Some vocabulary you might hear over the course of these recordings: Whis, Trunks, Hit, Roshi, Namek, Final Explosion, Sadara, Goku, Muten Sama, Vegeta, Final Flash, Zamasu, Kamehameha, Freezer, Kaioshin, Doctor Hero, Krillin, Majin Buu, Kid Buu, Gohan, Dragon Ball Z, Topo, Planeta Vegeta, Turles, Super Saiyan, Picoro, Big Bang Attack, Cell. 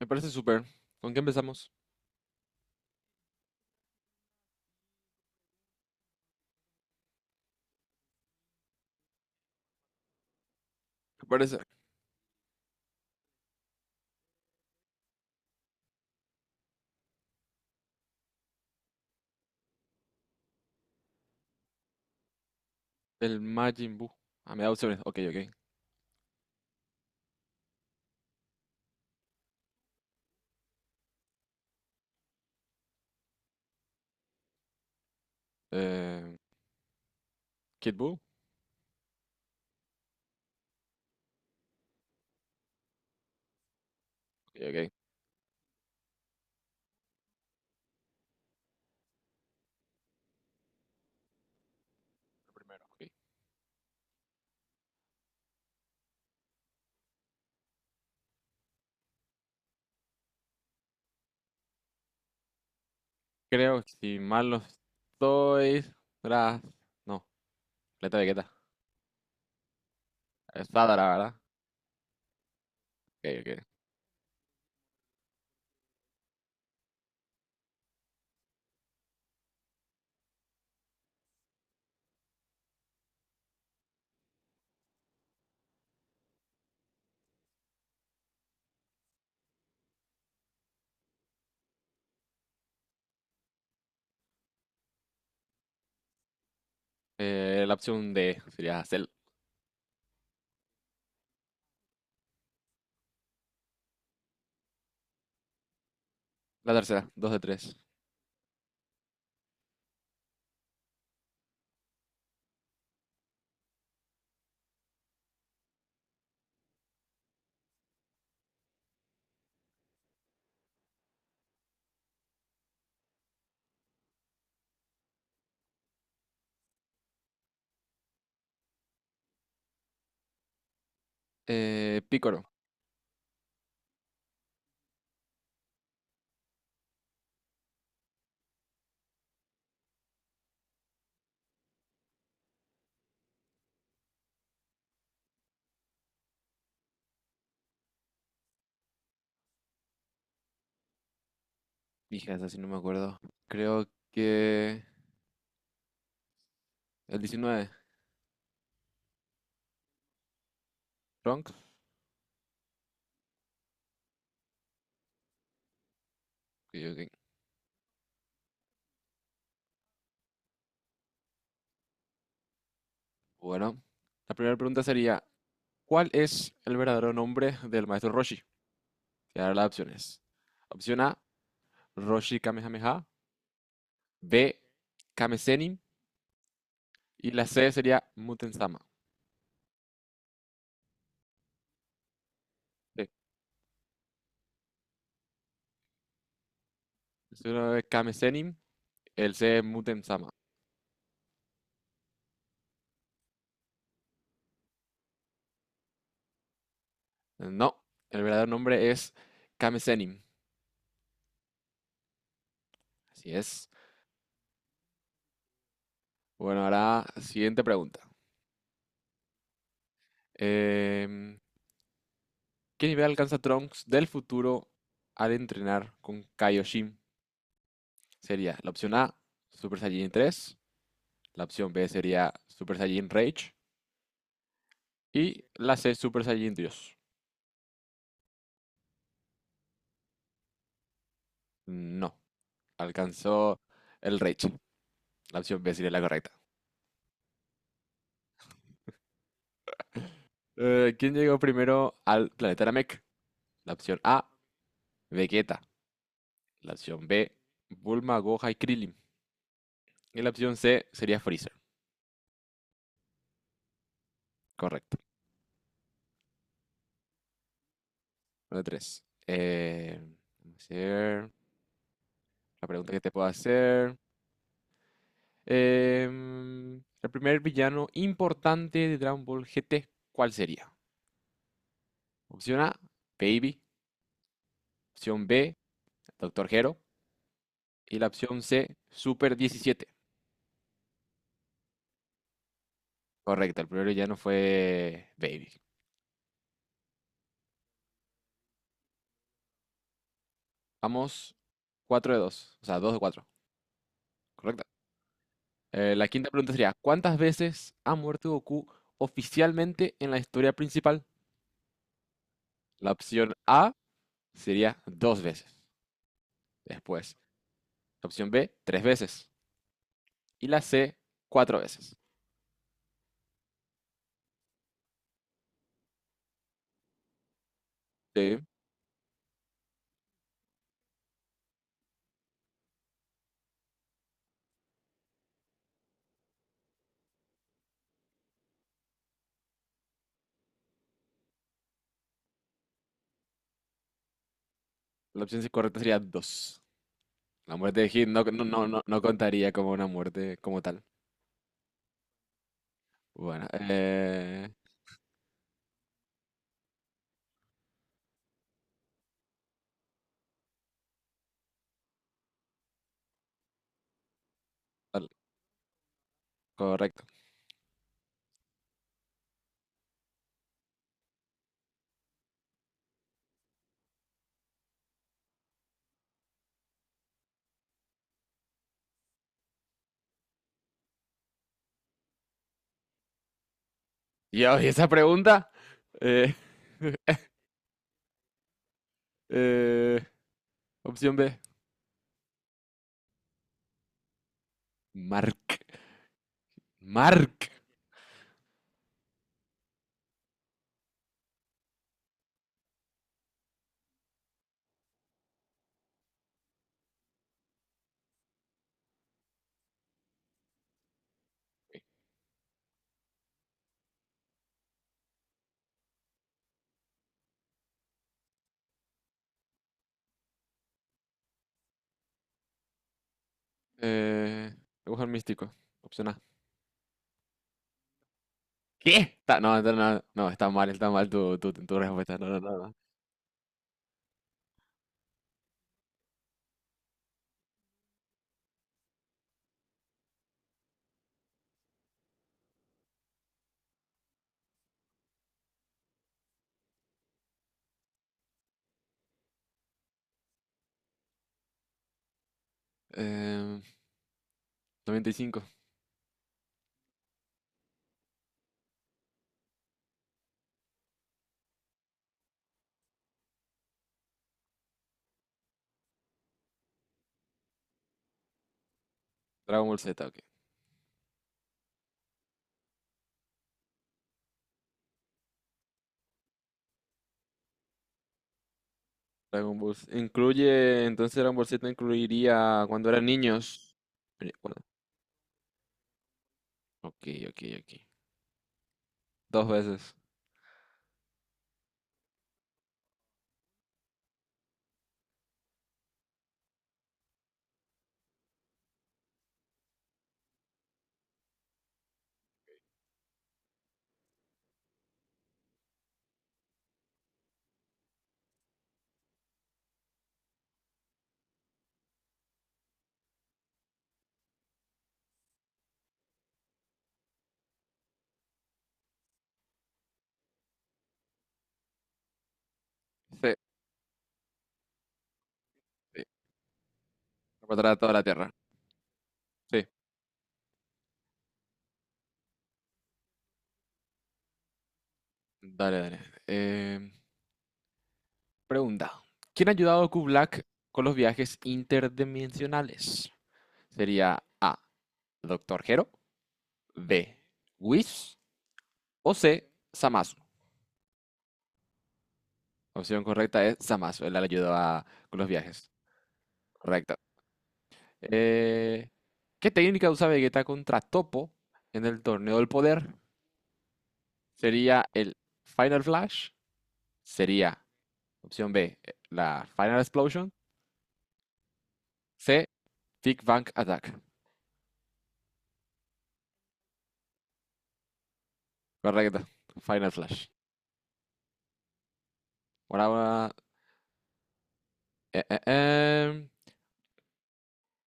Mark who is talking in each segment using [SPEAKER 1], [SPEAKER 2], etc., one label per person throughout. [SPEAKER 1] Me parece súper. ¿Con qué empezamos? ¿Qué parece? El Majin Buu. Ah, me da opciones. Ok, ok. Eh, Kid Buu. Ok, ok. Primero, ok. Creo que si mal no estoy. Tras. No, Planeta Vegeta. Es Sadara, ¿verdad? Ok, ok. La opción D sería Cell. La tercera, dos de tres. Picoro. Dije esa, si no me acuerdo. Creo que. El diecinueve. Trunks. Ok, ok. Bueno. La primera pregunta sería: ¿cuál es el verdadero nombre del maestro Roshi? Voy a dar las opciones. Opción A, Roshi Kamehameha. B, Kame. Y la C sería Muten Sama. Sí, es una de Kame, el C es Muten Sama. No, el verdadero nombre es Kame. Así es. Bueno, ahora siguiente pregunta. Em, ¿Qué nivel alcanza Trunks del futuro al entrenar con Kaioshin? Sería la opción A, Super Saiyan tres. La opción B sería Super Saiyan Rage. Y la C, Super Saiyan Dios. No, alcanzó el Reich. La opción B sería la correcta. ¿Quién llegó primero al planeta Namek? La opción A, Vegeta. La opción B, Bulma, Gohan y Krillin. Y la opción C sería Freezer. Correcto. Número 3. Vamos a ver la pregunta que te puedo hacer. Em, el primer villano importante de Dragon Ball GT, ¿cuál sería? Opción A, Baby. Opción B, Doctor Hero. Y la opción C, Super 17. Correcto, el primer villano fue Baby. Vamos 4 de 2, o sea, 2 de 4, correcto. La quinta pregunta sería, ¿cuántas veces ha muerto Goku oficialmente en la historia principal? La opción A sería dos veces. Después, la opción B, tres veces. Y la C, cuatro veces. Sí, la opción correcta sería dos. La muerte de Hit no, no, no, no, no contaría como una muerte como tal. Bueno, al- correcto. Dios, y esa pregunta. eh, eh, opción B. Mark. Mark. Eh, dibujo místico. Opción A. ¿Qué? No, no, no, no, está mal tu respuesta. No, no, no. No. Eh, 95. Dragon Ball Z, ok. Dragon Ball Z incluye, entonces Dragon Ball Z incluiría cuando eran niños. Bueno, ok, ok, ok. Dos veces. Sí, sí. Para toda la Tierra. Sí, dale, dale. Em, Pregunta: ¿quién ha ayudado a Kublak con los viajes interdimensionales? Sería A, Doctor Gero, B, Whis, o C, Zamasu. La opción correcta es Zamasu. Él le ayudó a- con los viajes. Correcto. Eh, ¿Qué técnica usa Vegeta contra Topo en el torneo del poder? Sería el Final Flash. Sería opción B, la Final Explosion. C, Big Bang Attack. Correcto. Final Flash. Por ahora Eh, eh, em,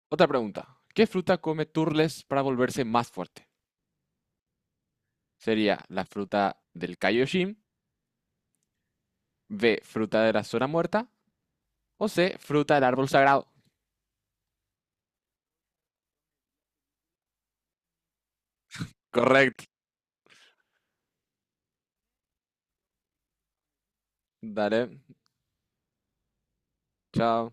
[SPEAKER 1] otra pregunta. ¿Qué fruta come Turles para volverse más fuerte? ¿Sería la fruta del Kaioshin? ¿B, fruta de la zona muerta? ¿O C, fruta del árbol sagrado? Correcto. Dale, chao.